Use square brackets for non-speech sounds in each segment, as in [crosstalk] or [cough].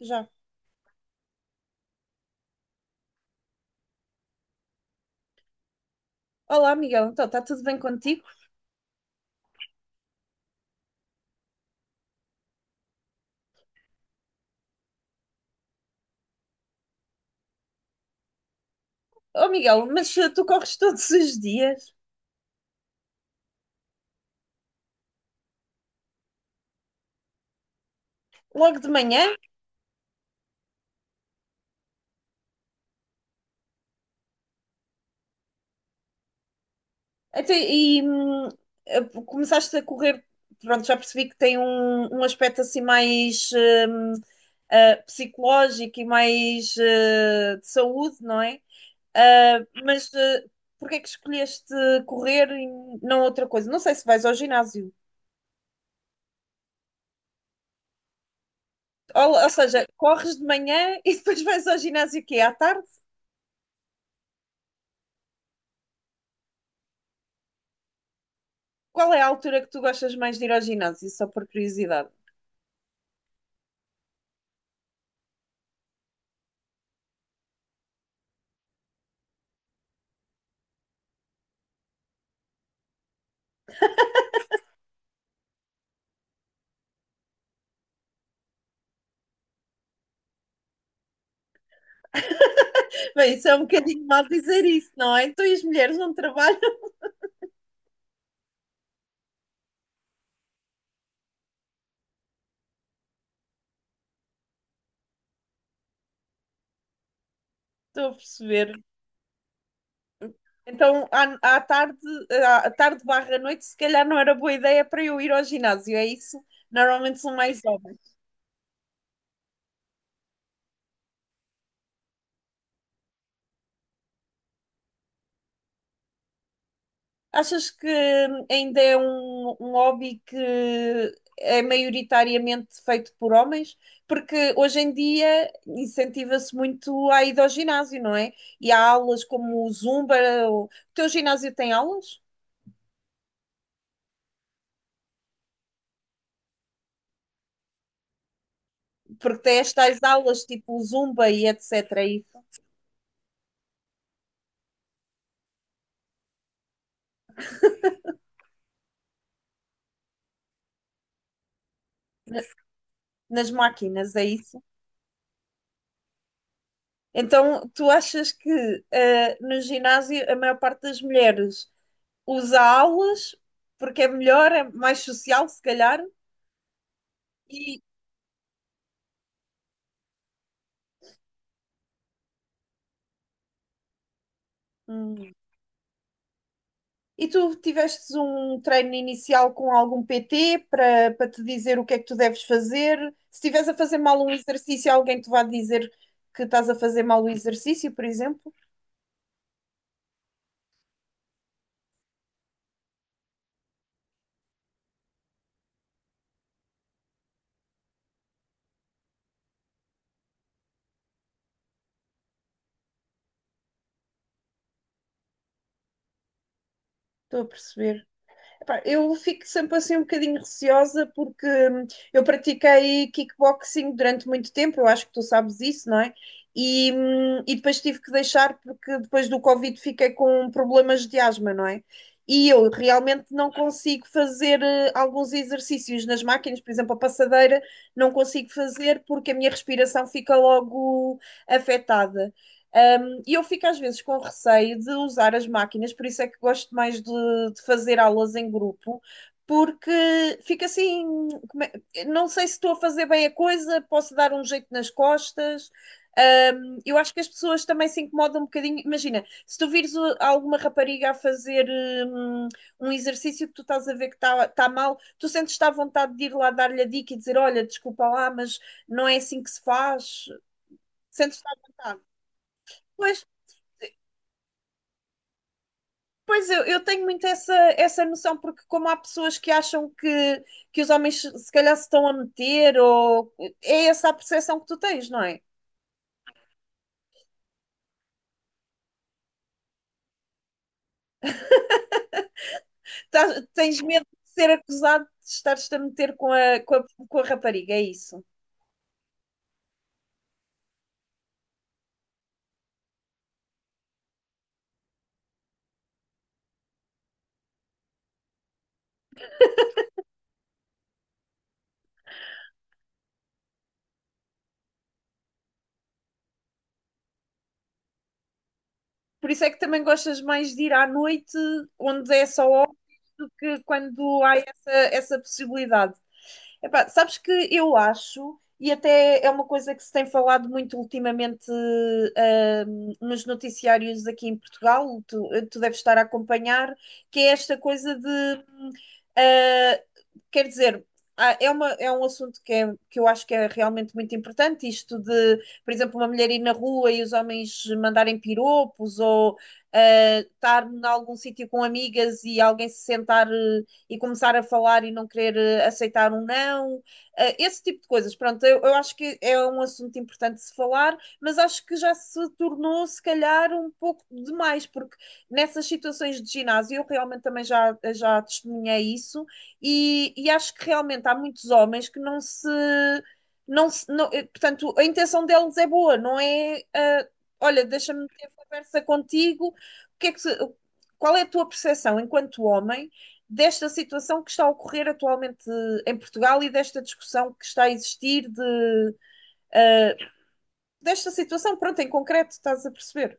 Já. Olá, Miguel. Então, está tudo bem contigo? Oh, Miguel, mas tu corres todos [laughs] os dias? Logo de manhã? Até, e hum, Começaste a correr, pronto, já percebi que tem um aspecto assim mais psicológico e mais de saúde, não é? Ah, mas eh, Porquê é que escolheste correr e não outra coisa? Não sei se vais ao ginásio. Ou seja, corres de manhã e [laughs] depois vais ao ginásio o quê? À tarde? Qual é a altura que tu gostas mais de ir ao ginásio? Só por curiosidade. Bem, isso é um bocadinho mal dizer isso, não é? Tu e as mulheres não trabalham. [laughs] Estou a perceber. Então, à tarde, à tarde barra noite, se calhar não era boa ideia para eu ir ao ginásio, é isso? Normalmente são mais homens. Achas que ainda é um hobby que é maioritariamente feito por homens? Porque hoje em dia incentiva-se muito a ida ao ginásio, não é? E há aulas como o Zumba. O teu ginásio tem aulas? Porque tem estas aulas tipo o Zumba e etc., é isso? Na- Nas máquinas, é isso? Então, tu achas que no ginásio a maior parte das mulheres usa aulas porque é melhor, é mais social, se calhar? E hum. E tu tivestes um treino inicial com algum PT para te dizer o que é que tu deves fazer? Se estiveres a fazer mal um exercício, alguém te vai dizer que estás a fazer mal o exercício, por exemplo? Estou a perceber. Epá, eu fico sempre assim um bocadinho receosa porque eu pratiquei kickboxing durante muito tempo, eu acho que tu sabes isso, não é? E depois tive que deixar porque depois do Covid fiquei com problemas de asma, não é? E eu realmente não consigo fazer alguns exercícios nas máquinas, por exemplo, a passadeira, não consigo fazer porque a minha respiração fica logo afetada. E eu fico às vezes com receio de usar as máquinas, por isso é que gosto mais de fazer aulas em grupo, porque fica assim, como não sei se estou a fazer bem a coisa, posso dar um jeito nas costas. Eu acho que as pessoas também se incomodam um bocadinho. Imagina, se tu vires alguma rapariga a fazer hum, exercício que tu estás a ver que está mal, tu sentes-te à vontade de ir lá dar-lhe a dica e dizer: Olha, desculpa lá, mas não é assim que se faz. Sentes-te à vontade. Pois. Pois eu tenho muito essa, essa noção, porque como há pessoas que acham que os homens se calhar se estão a meter, ou é essa a percepção que tu tens, não é? Tens medo de ser acusado de estares-te a meter com a, com a, com a rapariga, é isso. Por isso é que também gostas mais de ir à noite, onde é só homens, do que quando há essa, essa possibilidade. Epá, sabes que eu acho, e até é uma coisa que se tem falado muito ultimamente, nos noticiários aqui em Portugal, tu deves estar a acompanhar, que é esta coisa de, ah, Quer dizer, é uma, é um assunto que é, que eu acho que é realmente muito importante, isto de, por exemplo, uma mulher ir na rua e os homens mandarem piropos, ou estar em algum sítio com amigas e alguém se sentar e começar a falar e não querer aceitar um não, esse tipo de coisas. Pronto, eu acho que é um assunto importante de se falar, mas acho que já se tornou, se calhar, um pouco demais, porque nessas situações de ginásio eu realmente também já testemunhei isso e acho que realmente há muitos homens que não se. Não, se- não, eh, Portanto, a intenção deles é boa, não é. Olha, deixa-me ter conversa contigo. O que é que se- Qual é a tua percepção enquanto homem desta situação que está a ocorrer atualmente em Portugal e desta discussão que está a existir de, uh, desta situação, pronto, em concreto, estás a perceber?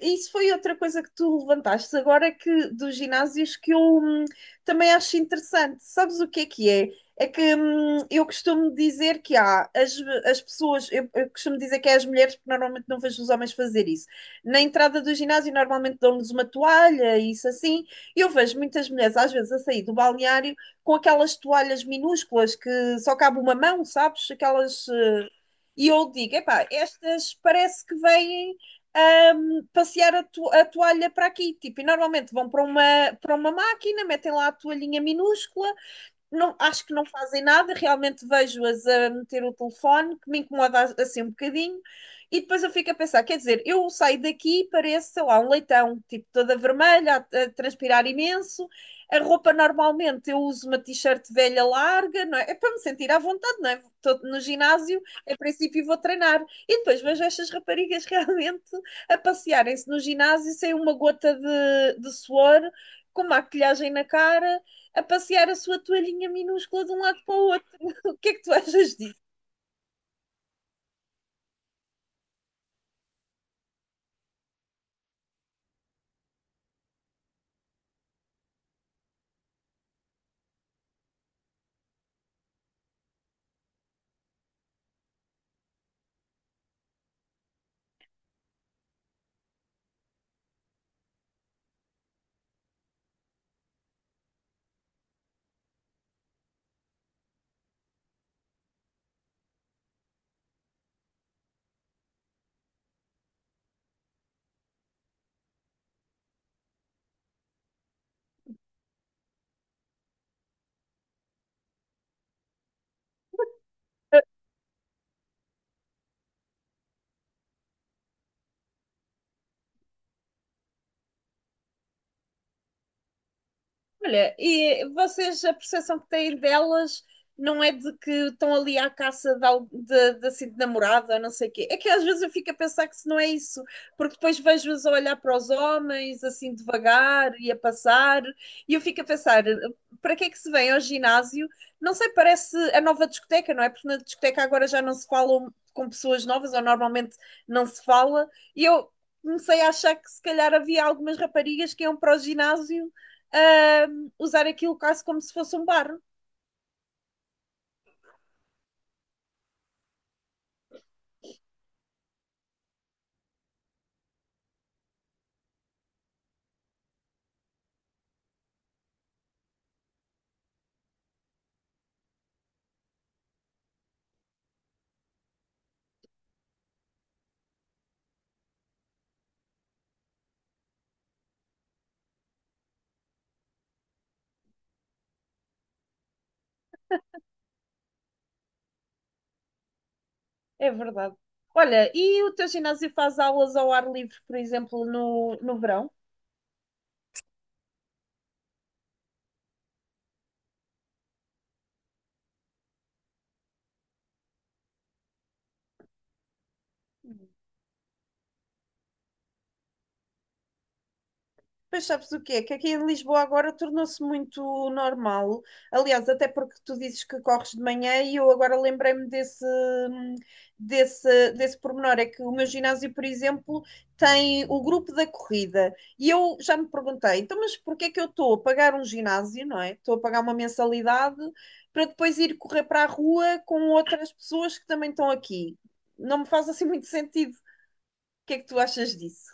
Isso foi outra coisa que tu levantaste agora é que dos ginásios que eu também acho interessante. Sabes o que é que é? É que eu costumo dizer que há as pessoas, eu costumo dizer que é as mulheres, porque normalmente não vejo os homens fazer isso. Na entrada do ginásio, normalmente dão-nos uma toalha, isso assim. Eu vejo muitas mulheres, às vezes, a sair do balneário com aquelas toalhas minúsculas que só cabe uma mão, sabes? Aquelas. E eu digo, epá, estas parece que vêm passear a toalha para aqui. Tipo, e normalmente vão para para uma máquina, metem lá a toalhinha minúscula. Não, acho que não fazem nada, realmente vejo-as a meter o telefone, que me incomoda assim um bocadinho, e depois eu fico a pensar, quer dizer, eu saio daqui e pareço, sei lá, um leitão, tipo, toda vermelha, a transpirar imenso, a roupa normalmente eu uso uma t-shirt velha larga, não é? É para me sentir à vontade, não é? Estou no ginásio, a princípio vou treinar, e depois vejo estas raparigas [laughs] realmente a passearem-se no ginásio sem uma gota de suor, com maquilhagem na cara, a passear a sua toalhinha minúscula de um lado para o outro. [laughs] O que é que tu achas disso? Olha, e vocês, a percepção que têm delas não é de que estão ali à caça de assim, de namorada, não sei o quê. É que às vezes eu fico a pensar que se não é isso, porque depois vejo-as a olhar para os homens, assim, devagar e a passar, e eu fico a pensar, para que é que se vem ao ginásio? Não sei, parece a nova discoteca, não é? Porque na discoteca agora já não se falam com pessoas novas, ou normalmente não se fala, e eu comecei a achar que se calhar havia algumas raparigas que iam para o ginásio ah, usar aquilo quase como se fosse um bar. É verdade. Olha, e o teu ginásio faz aulas ao ar livre, por exemplo, no verão? Pois sabes o quê? Que aqui em Lisboa agora tornou-se muito normal. Aliás, até porque tu dizes que corres de manhã e eu agora lembrei-me desse pormenor. É que o meu ginásio, por exemplo, tem o grupo da corrida. E eu já me perguntei, então, mas porquê é que eu estou a pagar um ginásio, não é? Estou a pagar uma mensalidade para depois ir correr para a rua com outras pessoas que também estão aqui. Não me faz assim muito sentido. O que é que tu achas disso?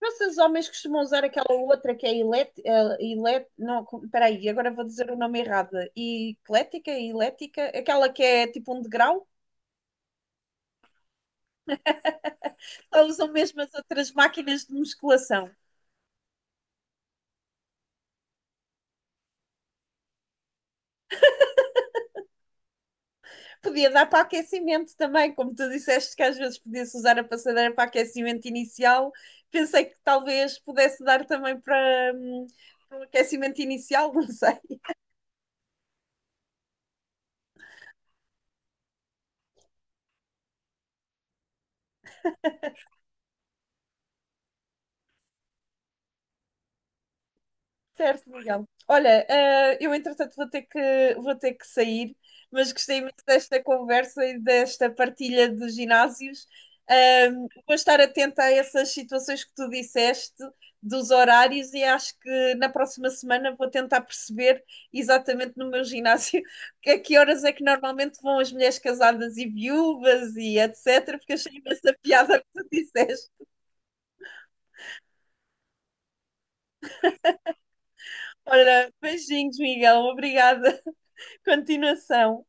Vocês homens costumam usar aquela outra que é elet, eh, elet, não, co- peraí, agora vou dizer o nome errado. E Eclética, elética, aquela que é tipo um degrau. Ou usam mesmo as outras máquinas de musculação. Podia dar para aquecimento também, como tu disseste que às vezes podia-se usar a passadeira para aquecimento inicial. Pensei que talvez pudesse dar também para, para o aquecimento inicial, [laughs] não sei. Certo, Miguel. Olha, eu entretanto vou ter que sair, mas gostei muito desta conversa e desta partilha dos ginásios. Vou estar atenta a essas situações que tu disseste, dos horários, e acho que na próxima semana vou tentar perceber exatamente no meu ginásio [laughs] a que horas é que normalmente vão as mulheres casadas e viúvas e etc., porque achei imensa piada que tu disseste. Ora, beijinhos, Miguel. Obrigada. [laughs] Continuação.